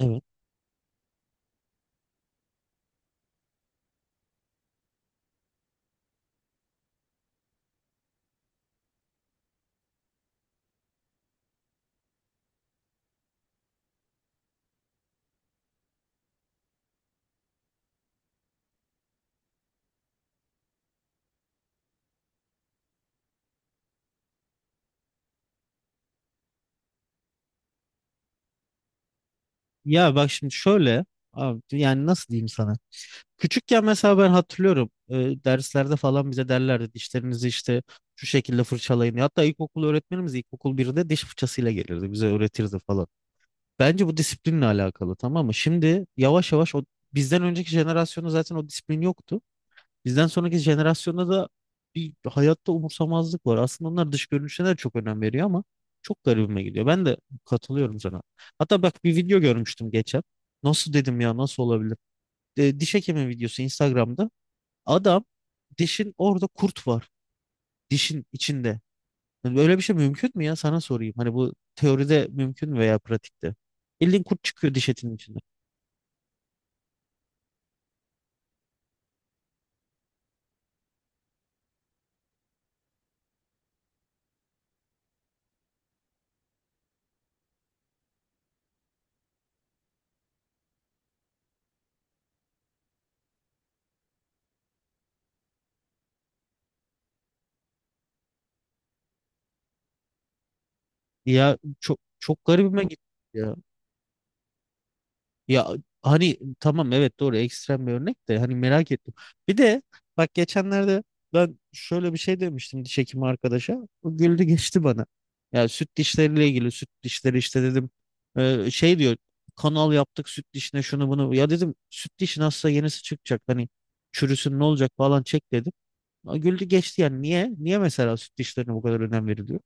Evet. Ya bak şimdi şöyle abi, yani nasıl diyeyim sana? Küçükken mesela ben hatırlıyorum derslerde falan bize derlerdi dişlerinizi işte şu şekilde fırçalayın. Hatta ilkokul öğretmenimiz ilkokul 1'de diş fırçasıyla gelirdi bize öğretirdi falan. Bence bu disiplinle alakalı, tamam mı? Şimdi yavaş yavaş o bizden önceki jenerasyonda zaten o disiplin yoktu. Bizden sonraki jenerasyonda da bir hayatta umursamazlık var. Aslında onlar dış görünüşüne de çok önem veriyor ama çok garibime gidiyor. Ben de katılıyorum sana. Hatta bak, bir video görmüştüm geçen. Nasıl dedim ya, nasıl olabilir? Diş hekimi videosu Instagram'da. Adam, dişin orada kurt var. Dişin içinde. Yani böyle bir şey mümkün mü ya? Sana sorayım. Hani bu teoride mümkün mü veya pratikte? Bildiğin kurt çıkıyor diş etinin içinde. Ya çok çok garibime gitti ya. Ya hani tamam, evet doğru, ekstrem bir örnek de hani merak ettim. Bir de bak geçenlerde ben şöyle bir şey demiştim diş hekimi arkadaşa. O güldü geçti bana. Ya süt dişleriyle ilgili, süt dişleri işte dedim. Şey diyor, kanal yaptık süt dişine şunu bunu. Ya dedim süt dişin hasta, yenisi çıkacak hani, çürüsün ne olacak falan, çek dedim. Ya güldü geçti. Yani niye? Niye mesela süt dişlerine bu kadar önem veriliyor?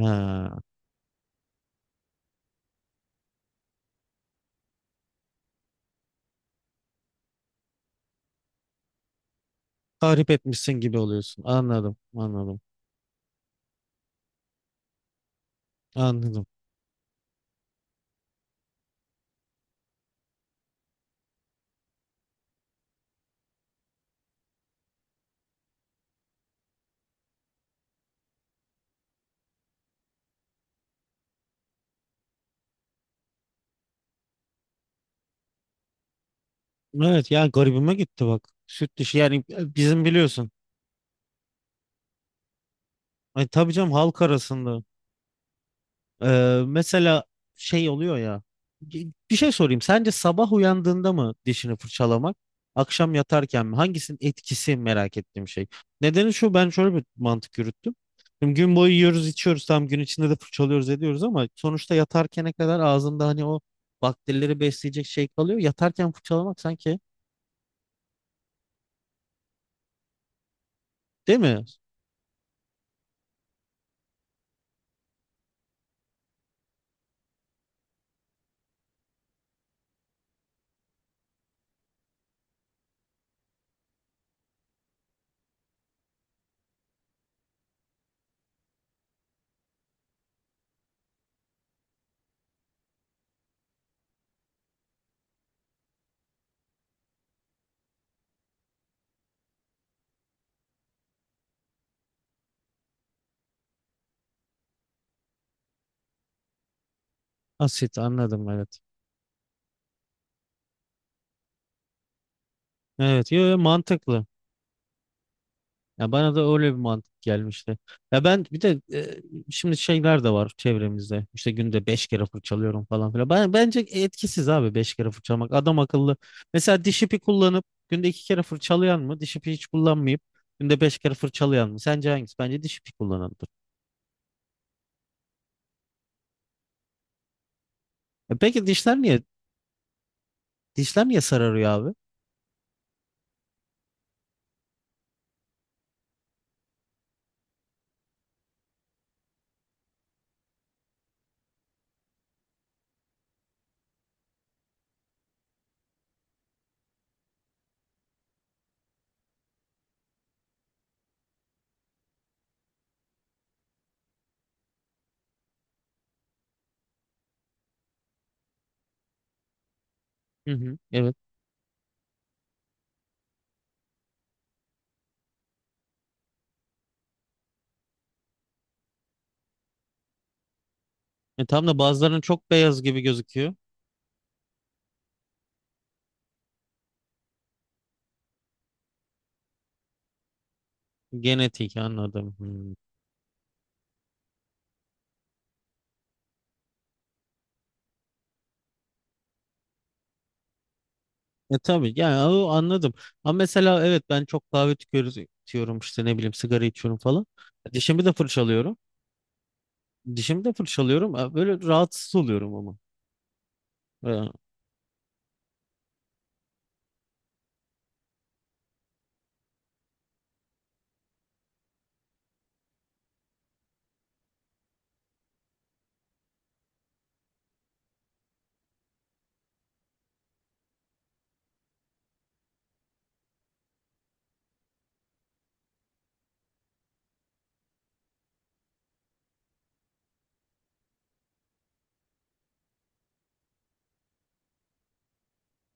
Ha, tahrip etmişsin gibi oluyorsun. Anladım, anladım, anladım. Evet ya, garibime gitti bak. Süt dişi yani bizim biliyorsun. Ay, tabii canım, halk arasında. Mesela şey oluyor ya. Bir şey sorayım. Sence sabah uyandığında mı dişini fırçalamak? Akşam yatarken mi? Hangisinin etkisi, merak ettiğim şey. Nedeni şu, ben şöyle bir mantık yürüttüm. Şimdi gün boyu yiyoruz içiyoruz, tam gün içinde de fırçalıyoruz ediyoruz ama sonuçta yatarkene kadar ağzında hani o bakterileri besleyecek şey kalıyor. Yatarken fırçalamak sanki, değil mi? Asit, anladım, evet. Evet, yo, yo, mantıklı. Ya bana da öyle bir mantık gelmişti. Ya ben bir de şimdi şeyler de var çevremizde. İşte günde beş kere fırçalıyorum falan filan. Ben, bence etkisiz abi beş kere fırçalamak. Adam akıllı. Mesela diş ipi kullanıp günde iki kere fırçalayan mı? Diş ipi hiç kullanmayıp günde beş kere fırçalayan mı? Sence hangisi? Bence diş ipi kullanandır. E peki dişler niye? Dişler niye sararıyor abi? Hı hı, evet. E, tam da bazılarının çok beyaz gibi gözüküyor. Genetik, anladım. Hmm. E tabii yani o, anladım. Ama mesela evet, ben çok kahve tüketiyorum, işte ne bileyim sigara içiyorum falan. Dişimi de fırçalıyorum. Dişimi de fırçalıyorum. Böyle rahatsız oluyorum ama. Ha,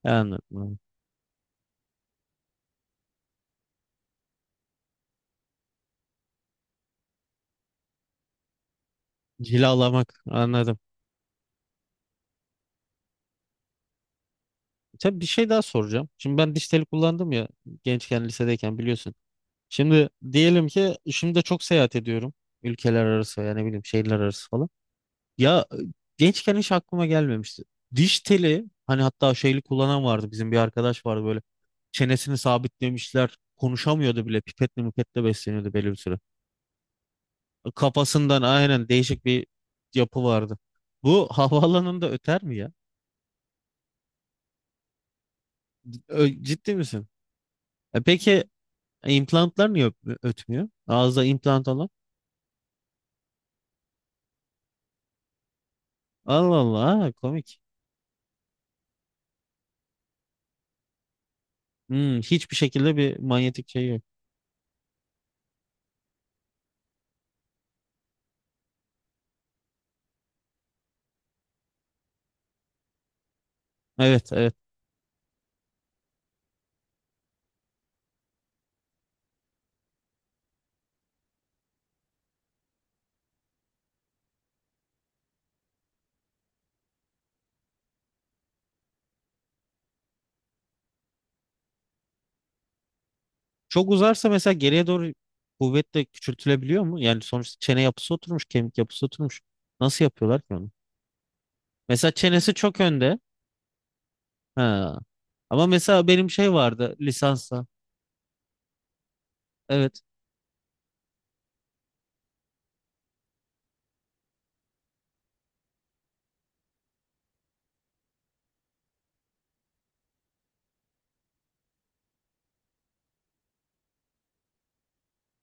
yani anladım. Cilalamak, anladım. Tabii, bir şey daha soracağım. Şimdi ben diş teli kullandım ya, gençken lisedeyken biliyorsun. Şimdi diyelim ki şimdi de çok seyahat ediyorum. Ülkeler arası yani, ne bileyim, şehirler arası falan. Ya gençken hiç aklıma gelmemişti. Diş teli hani, hatta şeyli kullanan vardı, bizim bir arkadaş vardı, böyle çenesini sabitlemişler, konuşamıyordu bile, pipetle mipetle besleniyordu belli bir süre. Kafasından aynen değişik bir yapı vardı. Bu havaalanında öter mi ya? Ciddi misin? E peki implantlar niye ötmüyor? Ağızda implant olan. Allah Allah, ha, komik. Hmm, hiçbir şekilde bir manyetik şey yok. Evet, evet. Çok uzarsa mesela geriye doğru kuvvet de küçültülebiliyor mu? Yani sonuçta çene yapısı oturmuş, kemik yapısı oturmuş. Nasıl yapıyorlar ki onu? Mesela çenesi çok önde. Ha. Ama mesela benim şey vardı lisansa. Evet.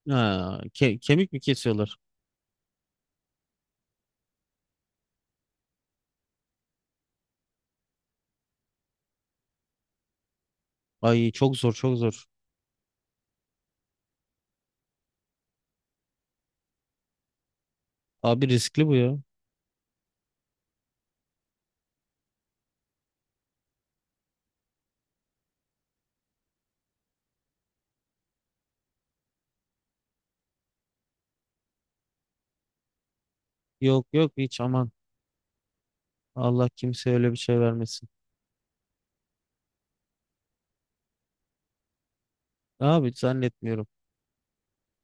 Ha. Kemik mi kesiyorlar? Ay çok zor, çok zor. Abi riskli bu ya. Yok yok, hiç aman. Allah kimseye öyle bir şey vermesin. Abi zannetmiyorum.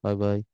Bay bay.